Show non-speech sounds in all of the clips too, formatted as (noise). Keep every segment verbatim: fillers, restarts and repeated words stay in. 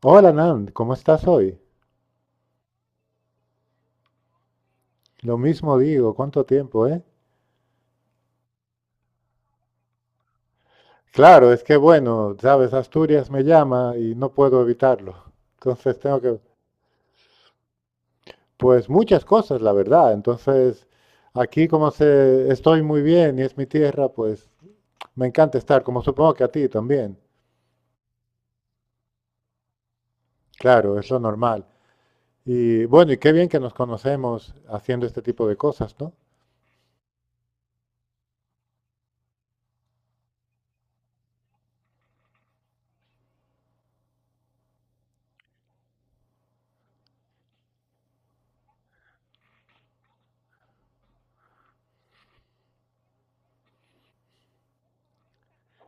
Hola Nan, ¿cómo estás hoy? Lo mismo digo, ¿cuánto tiempo, eh? Claro, es que bueno, sabes, Asturias me llama y no puedo evitarlo. Entonces tengo que, pues muchas cosas, la verdad. Entonces, aquí como se, estoy muy bien y es mi tierra, pues me encanta estar, como supongo que a ti también. Claro, es lo normal. Y bueno, y qué bien que nos conocemos haciendo este tipo de cosas, ¿no?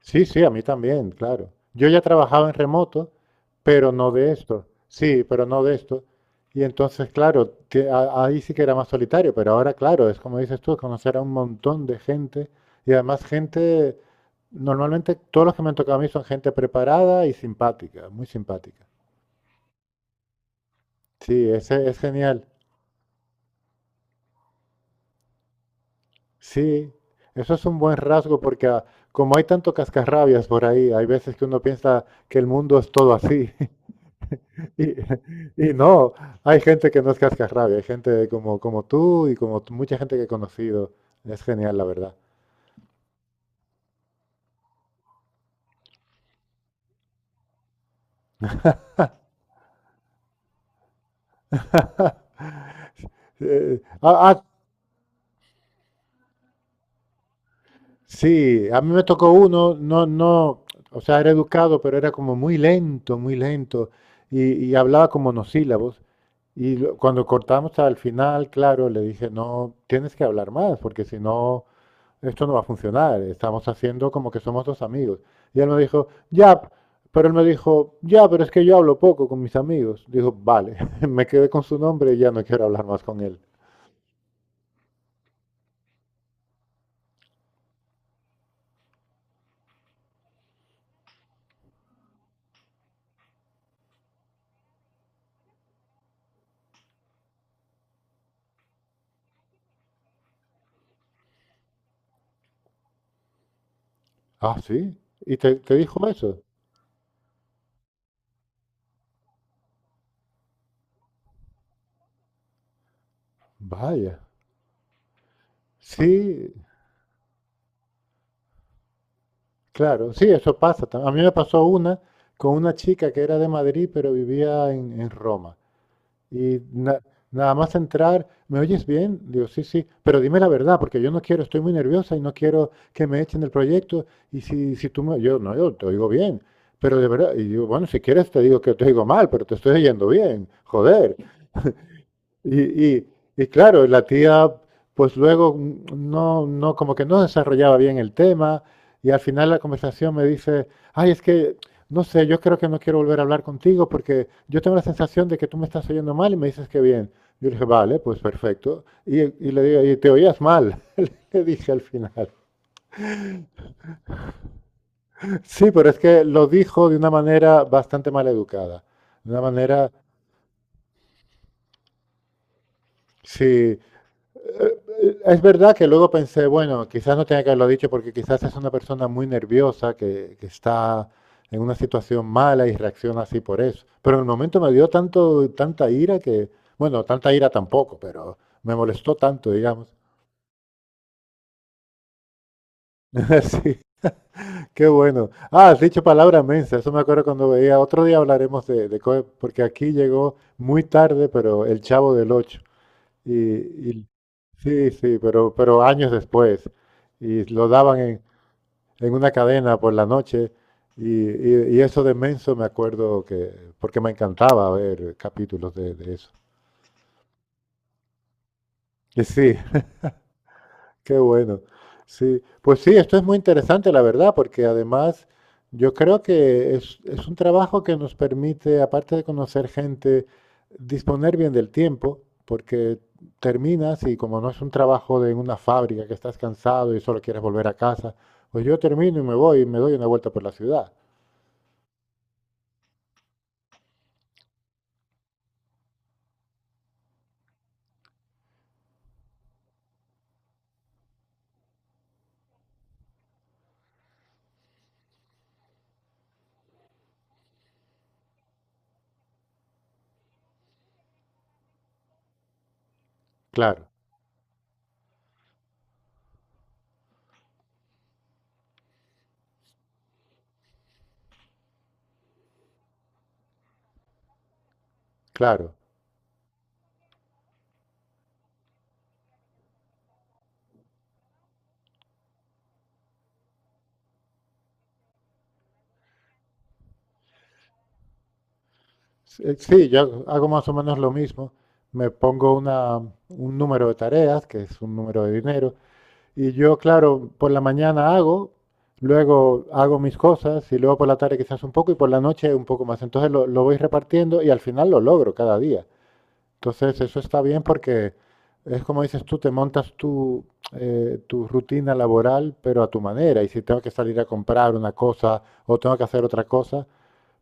Sí, sí, a mí también, claro. Yo ya trabajaba en remoto, pero no de esto. Sí, pero no de esto. Y entonces, claro, te- a- ahí sí que era más solitario, pero ahora, claro, es como dices tú, conocer a un montón de gente y además gente, normalmente todos los que me han tocado a mí son gente preparada y simpática, muy simpática. Sí, ese es genial. Sí, eso es un buen rasgo porque ah, como hay tanto cascarrabias por ahí, hay veces que uno piensa que el mundo es todo así. (laughs) Y, (laughs) y no, hay gente que no es cascarrabia, hay gente como, como tú y como t- mucha gente que he conocido. Es genial, la verdad. (laughs) Eh, ah, ah, sí, a mí me tocó uno, no, no, o sea, era educado, pero era como muy lento, muy lento, y, y hablaba con monosílabos. Y lo- cuando cortamos al final, claro, le dije, no, tienes que hablar más, porque si no, esto no va a funcionar, estamos haciendo como que somos dos amigos. Y él me dijo, ya, pero él me dijo, ya, pero es que yo hablo poco con mis amigos. Dijo, vale, (laughs) me quedé con su nombre y ya no quiero hablar más con él. Ah, sí, y te, te dijo eso. Vaya, sí, claro, sí, eso pasa. tam- A mí me pasó una con una chica que era de Madrid, pero vivía en, en Roma. Y na- nada más entrar, ¿me oyes bien? Digo, sí, sí, pero dime la verdad, porque yo no quiero, estoy muy nerviosa y no quiero que me echen del proyecto. Y si, si tú me, yo no, yo te oigo bien, pero de verdad, y digo, bueno, si quieres te digo que te oigo mal, pero te estoy oyendo bien, joder. Y, y- y claro, la tía, pues luego mm, no, no, como que no desarrollaba bien el tema, y al final la conversación me dice, ay, es que, no sé, yo creo que no quiero volver a hablar contigo porque yo tengo la sensación de que tú me estás oyendo mal y me dices que bien. Yo le dije, vale, pues perfecto. Y, y le digo, y te oías mal, (laughs) le dije al final. Sí, pero es que lo dijo de una manera bastante mal educada, de una manera, sí, es verdad que luego pensé, bueno, quizás no tenía que haberlo dicho porque quizás es una persona muy nerviosa que, que está en una situación mala y reacciona así por eso. Pero en el momento me dio tanto, tanta ira que, bueno, tanta ira tampoco, pero me molestó tanto, digamos. (laughs) Sí, qué bueno. Ah, has dicho palabra mensa, eso me acuerdo cuando veía. Otro día hablaremos de, de Coe, porque aquí llegó muy tarde, pero el Chavo del Ocho. Y, y- sí, sí, pero, pero años después. Y lo daban en, en una cadena por la noche. Y, y- y eso de Menso me acuerdo que, porque me encantaba ver capítulos de, de eso. Y sí, (laughs) qué bueno. Sí, pues sí, esto es muy interesante, la verdad, porque además yo creo que es, es un trabajo que nos permite, aparte de conocer gente, disponer bien del tiempo, porque terminas y como no es un trabajo de una fábrica que estás cansado y solo quieres volver a casa, pues yo termino y me voy y me doy una vuelta por la ciudad. Claro, claro. Sí, Eh, sí, yo hago más o menos lo mismo. Me pongo una, un número de tareas, que es un número de dinero, y yo, claro, por la mañana hago, luego hago mis cosas, y luego por la tarde quizás un poco, y por la noche un poco más. Entonces lo, lo voy repartiendo y al final lo logro cada día. Entonces eso está bien porque es como dices tú, te montas tu, eh, tu rutina laboral, pero a tu manera. Y si tengo que salir a comprar una cosa o tengo que hacer otra cosa,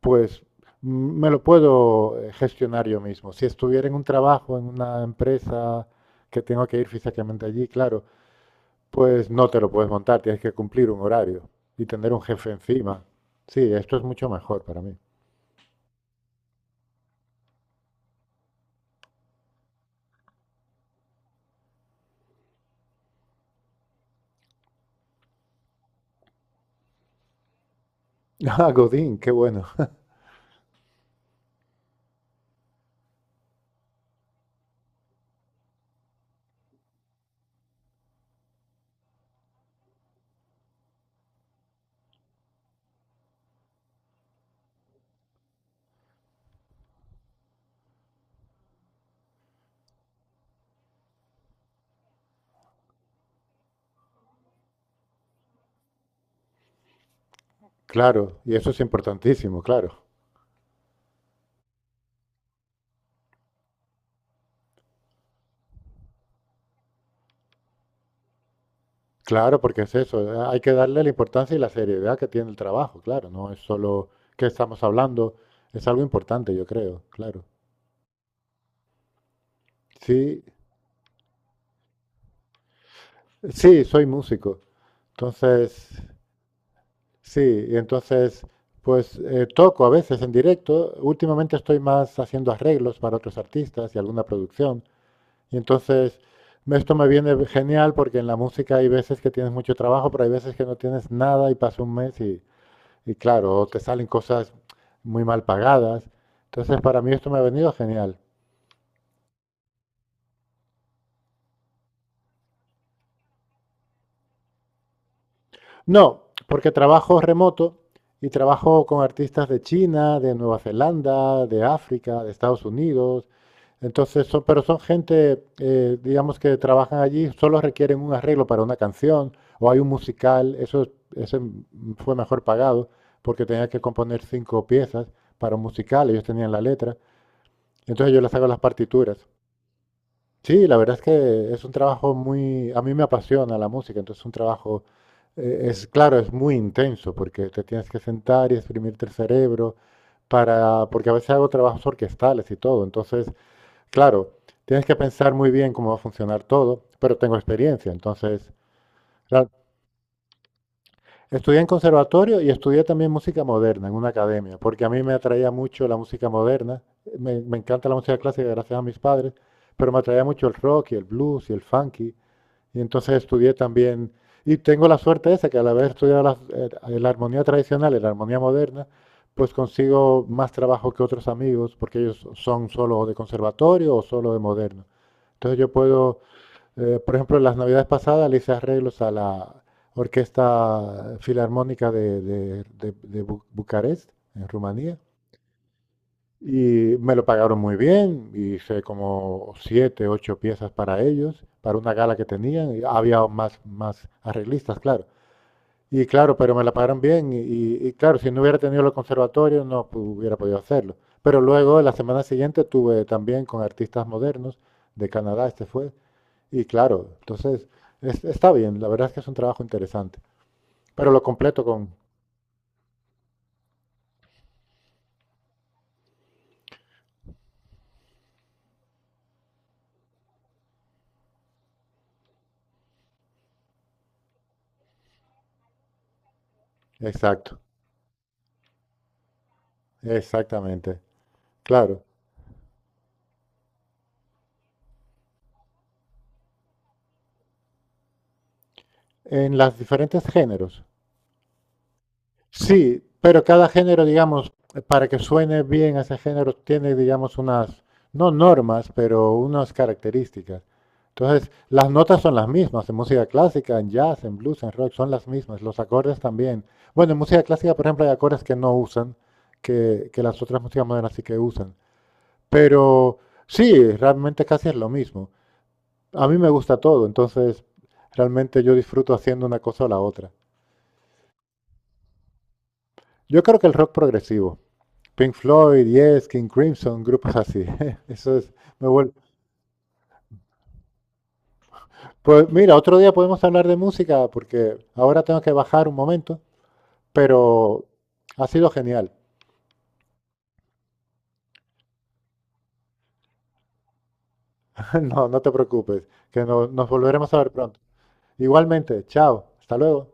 pues me lo puedo eh, gestionar yo mismo. Si estuviera en un trabajo, en una empresa que tengo que ir físicamente allí, claro, pues no te lo puedes montar, tienes que cumplir un horario y tener un jefe encima. Sí, esto es mucho mejor para mí. (laughs) Ah, Godín, qué bueno. (laughs) Claro, y eso es importantísimo, claro. Claro, porque es eso, eh, hay que darle la importancia y la seriedad que tiene el trabajo, claro, no es solo que estamos hablando, es algo importante, yo creo, claro. Sí, sí, soy músico. Entonces, sí, y entonces, pues eh, toco a veces en directo. Últimamente estoy más haciendo arreglos para otros artistas y alguna producción. Y entonces, me- esto me viene genial porque en la música hay veces que tienes mucho trabajo, pero hay veces que no tienes nada y pasa un mes y, y claro, te salen cosas muy mal pagadas. Entonces, para mí esto me ha venido genial. No, porque trabajo remoto y trabajo con artistas de China, de Nueva Zelanda, de África, de Estados Unidos. Entonces, son, pero son gente, eh, digamos, que trabajan allí, solo requieren un arreglo para una canción o hay un musical, eso ese fue mejor pagado porque tenía que componer cinco piezas para un musical, ellos tenían la letra, entonces yo les hago las partituras. Sí, la verdad es que es un trabajo muy, a mí me apasiona la música, entonces es un trabajo, eh, es claro, es muy intenso porque te tienes que sentar y exprimirte el cerebro para, porque a veces hago trabajos orquestales y todo, entonces claro, tienes que pensar muy bien cómo va a funcionar todo, pero tengo experiencia, entonces, claro, estudié en conservatorio y estudié también música moderna en una academia, porque a mí me atraía mucho la música moderna, me, me encanta la música clásica gracias a mis padres, pero me atraía mucho el rock y el blues y el funky, y entonces estudié también, y tengo la suerte esa, que al haber estudiado la, eh, la armonía tradicional y la armonía moderna, pues consigo más trabajo que otros amigos, porque ellos son solo de conservatorio o solo de moderno. Entonces yo puedo, eh, por ejemplo, las navidades pasadas le hice arreglos a la Orquesta Filarmónica de, de- de- de Bucarest, en Rumanía, y me lo pagaron muy bien, hice como siete, ocho piezas para ellos, para una gala que tenían, y había más, más arreglistas, claro. Y claro, pero me la pagaron bien, y, y- y claro, si no hubiera tenido el conservatorio no hubiera podido hacerlo. Pero luego, la semana siguiente, tuve también con artistas modernos de Canadá, este fue, y claro, entonces es- está bien, la verdad es que es un trabajo interesante, pero lo completo con... Exacto, exactamente, claro, en los diferentes géneros. Sí, pero cada género, digamos, para que suene bien ese género, tiene, digamos, unas, no normas, pero unas características. Entonces, las notas son las mismas en música clásica, en jazz, en blues, en rock, son las mismas, los acordes también. Bueno, en música clásica, por ejemplo, hay acordes que no usan, que, que las otras músicas modernas sí que usan. Pero sí, realmente casi es lo mismo. A mí me gusta todo, entonces realmente yo disfruto haciendo una cosa o la otra. Yo creo que el rock progresivo. Pink Floyd, Yes, King Crimson, grupos así. (laughs) Eso es, me vuelve. Pues mira, otro día podemos hablar de música porque ahora tengo que bajar un momento, pero ha sido genial. (laughs) No, no te preocupes, que no- nos volveremos a ver pronto. Igualmente, chao, hasta luego.